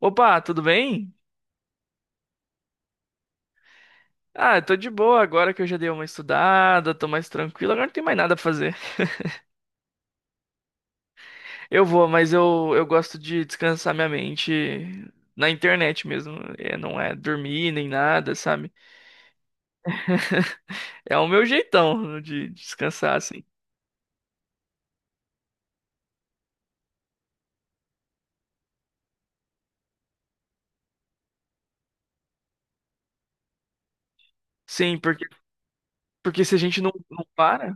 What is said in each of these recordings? Opa, tudo bem? Ah, eu tô de boa agora que eu já dei uma estudada, tô mais tranquilo, agora não tem mais nada pra fazer. Eu vou, mas eu gosto de descansar minha mente na internet mesmo. É, não é dormir nem nada, sabe? É o meu jeitão de descansar, assim. Sim, porque se a gente não para,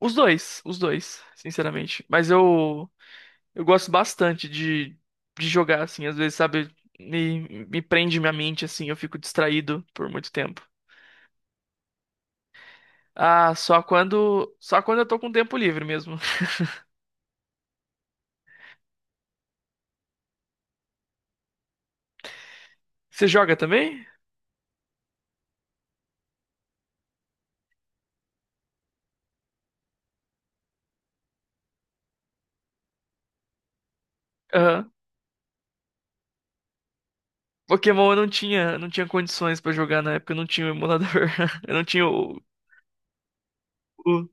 os dois, sinceramente. Mas eu gosto bastante de jogar, assim, às vezes, sabe, me prende minha mente, assim, eu fico distraído por muito tempo. Ah, só quando eu tô com tempo livre mesmo. Você joga também? Aham. Pokémon eu não tinha, não tinha condições pra jogar na época, eu não tinha o emulador. Eu não tinha o.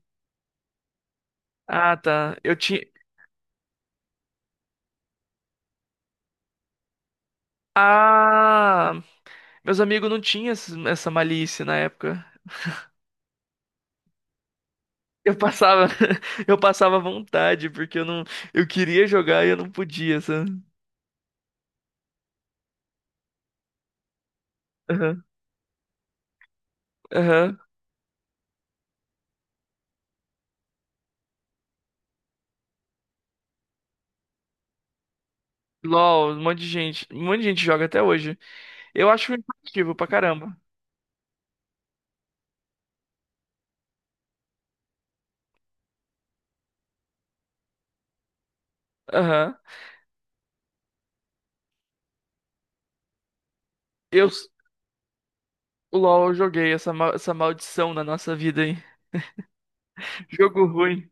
Ah, tá. Eu tinha. Ah, meus amigos não tinham essa malícia na época. Eu passava, eu passava vontade, porque eu não, eu queria jogar e eu não podia, sabe? Aham. LOL, um monte de gente. Um monte de gente joga até hoje. Eu acho impactivo pra caramba. Aham. Eu, o LOL, eu joguei essa, essa maldição na nossa vida, hein? Jogo ruim.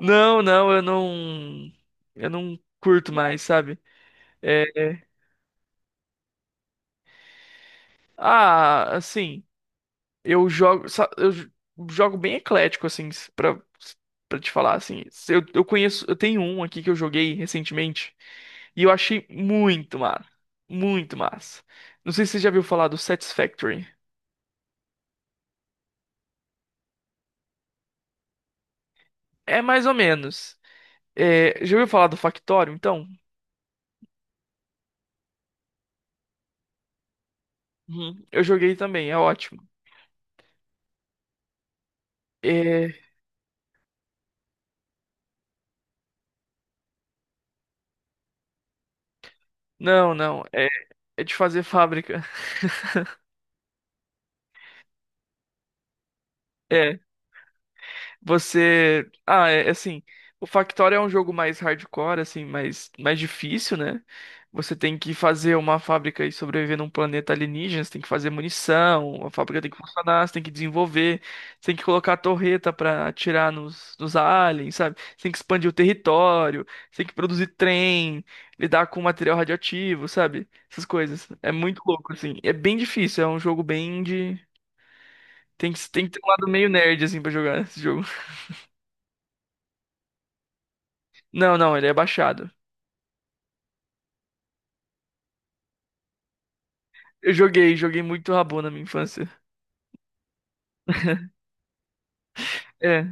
Não, eu não. Eu não curto mais, sabe? É, assim. Eu jogo, jogo bem eclético, assim, pra, pra te falar, assim. Se eu, eu conheço, eu tenho um aqui que eu joguei recentemente e eu achei muito, mano. Muito massa. Não sei se você já viu falar do Satisfactory. É mais ou menos. É, já ouviu falar do Factório, então? Uhum. Eu joguei também, é ótimo. É, não, não. É, é de fazer fábrica. Você. É assim. O Factorio é um jogo mais hardcore, assim, mais difícil, né? Você tem que fazer uma fábrica e sobreviver num planeta alienígena, você tem que fazer munição, a fábrica tem que funcionar, você tem que desenvolver, você tem que colocar a torreta pra atirar nos aliens, sabe? Você tem que expandir o território, você tem que produzir trem, lidar com material radioativo, sabe? Essas coisas. É muito louco, assim. É bem difícil, é um jogo bem de. Tem que ter um lado meio nerd, assim, pra jogar esse jogo. Não, ele é baixado. Eu joguei, joguei muito Rabu na minha infância. É.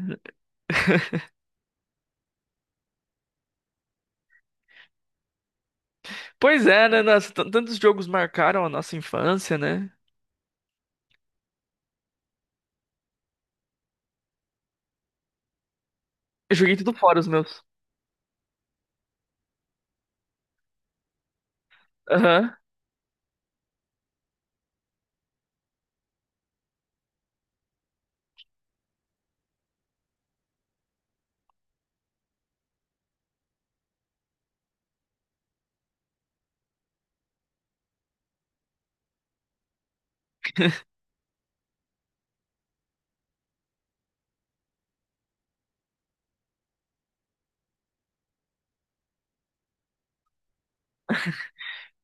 Pois é, né? Nossa, tantos jogos marcaram a nossa infância, né? Eu joguei tudo fora os meus. Aham.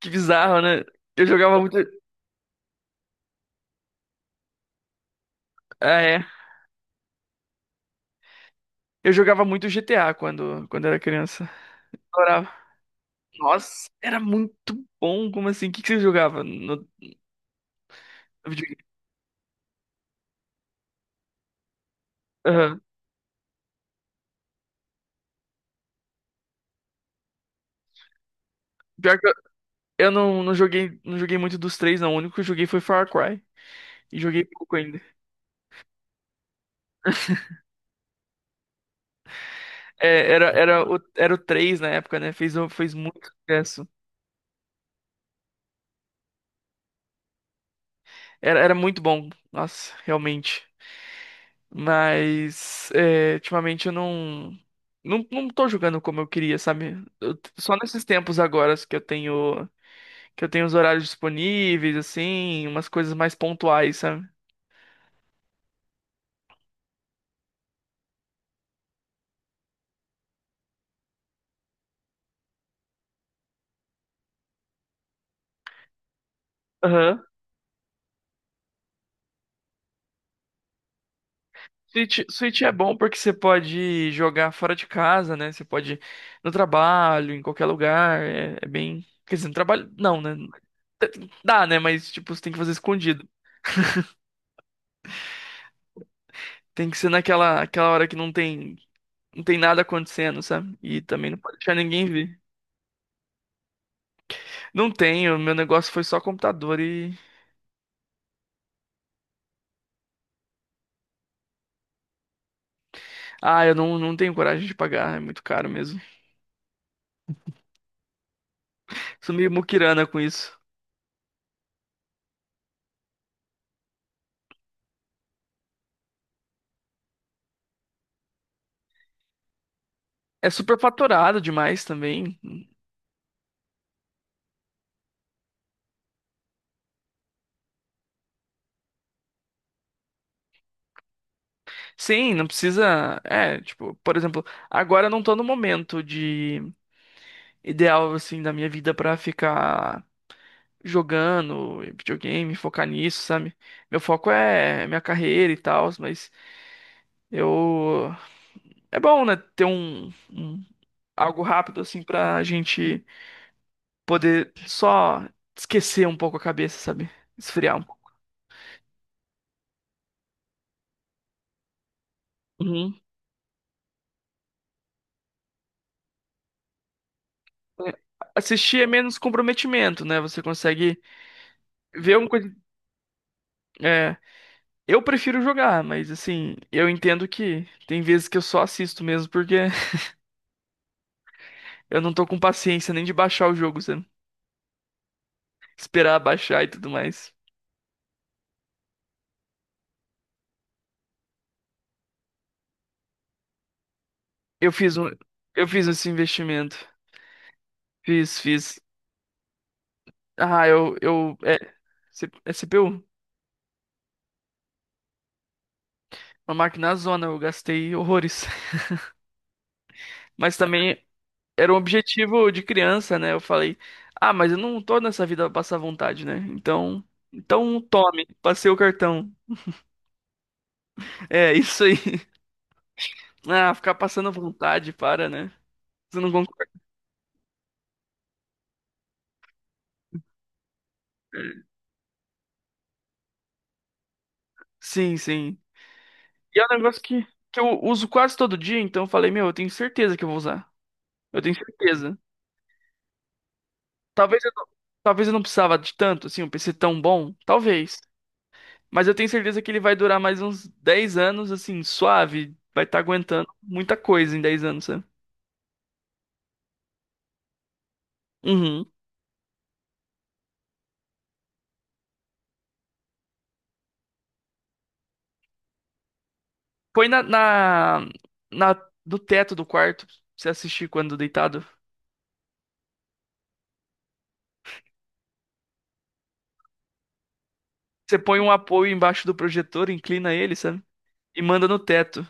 Que bizarro, né? Eu jogava muito. Ah, é. Eu jogava muito GTA quando, quando era criança. Adorava. Nossa, era muito bom. Como assim? O que que você jogava no videogame? Aham. Pior que eu não, não joguei, não joguei muito dos três, não. O único que eu joguei foi Far Cry. E joguei pouco. Era o 3 na época, né? Fez, fez muito sucesso. Era muito bom, nossa, realmente. Mas, é, ultimamente eu não. Não tô jogando como eu queria, sabe? Só nesses tempos agora que eu tenho. Que eu tenho os horários disponíveis, assim, umas coisas mais pontuais, sabe? Switch é bom porque você pode jogar fora de casa, né? Você pode ir no trabalho, em qualquer lugar. É, é bem. Quer dizer, no trabalho. Não, né? Dá, né? Mas, tipo, você tem que fazer escondido. Tem que ser naquela aquela hora que não tem nada acontecendo, sabe? E também não pode deixar ninguém ver. Não tenho, meu negócio foi só computador e. Ah, eu não, não tenho coragem de pagar, é muito caro mesmo. Sou meio muquirana com isso. É superfaturado demais também. Sim, não precisa. É, tipo, por exemplo, agora eu não tô no momento de ideal, assim, da minha vida pra ficar jogando videogame, focar nisso, sabe? Meu foco é minha carreira e tal, mas eu. É bom, né? Ter um algo rápido, assim, pra gente poder só esquecer um pouco a cabeça, sabe? Esfriar um pouco. Uhum. É, assistir é menos comprometimento, né? Você consegue ver uma coisa. É, eu prefiro jogar, mas assim, eu entendo que tem vezes que eu só assisto mesmo porque eu não tô com paciência nem de baixar o jogo, sabe? Esperar baixar e tudo mais. Eu fiz um, eu fiz esse investimento. Fiz, fiz. Ah, eu, eu, é, é CPU, uma máquina na zona, eu gastei horrores. Mas também era um objetivo de criança, né? Eu falei, ah, mas eu não tô nessa vida pra passar vontade, né? Então, então tome, passei o cartão. É, isso aí. Ah, ficar passando vontade, para, né? Você não concorda? Sim, sim. E é um negócio que eu uso quase todo dia, então eu falei, meu, eu tenho certeza que eu vou usar. Eu tenho certeza. Talvez eu não, talvez eu não precisava de tanto, assim, um PC tão bom, talvez. Mas eu tenho certeza que ele vai durar mais uns 10 anos, assim, suave. Vai estar aguentando muita coisa em 10 anos, sabe? Uhum. Põe na do teto do quarto, pra você assistir quando deitado. Você põe um apoio embaixo do projetor, inclina ele, sabe? E manda no teto.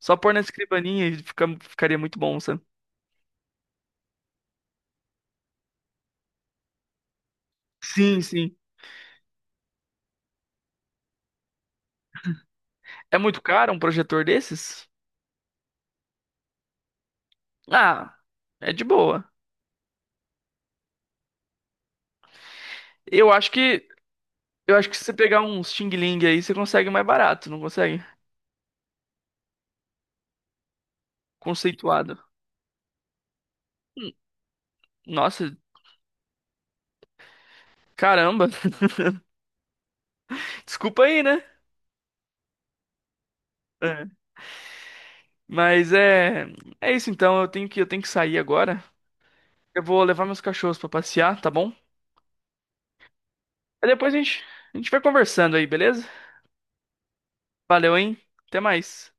Só pôr na escrivaninha e ficaria muito bom, sabe? Sim, sim. É muito caro um projetor desses? Ah, é de boa. Eu acho que eu acho que se você pegar um Xing Ling aí, você consegue mais barato, não consegue? Conceituado. Hum, Nossa, caramba. Desculpa aí, né? É. Mas é é isso então, eu tenho que sair agora. Eu vou levar meus cachorros pra passear, tá bom? Aí depois a gente vai conversando aí, beleza? Valeu, hein? Até mais.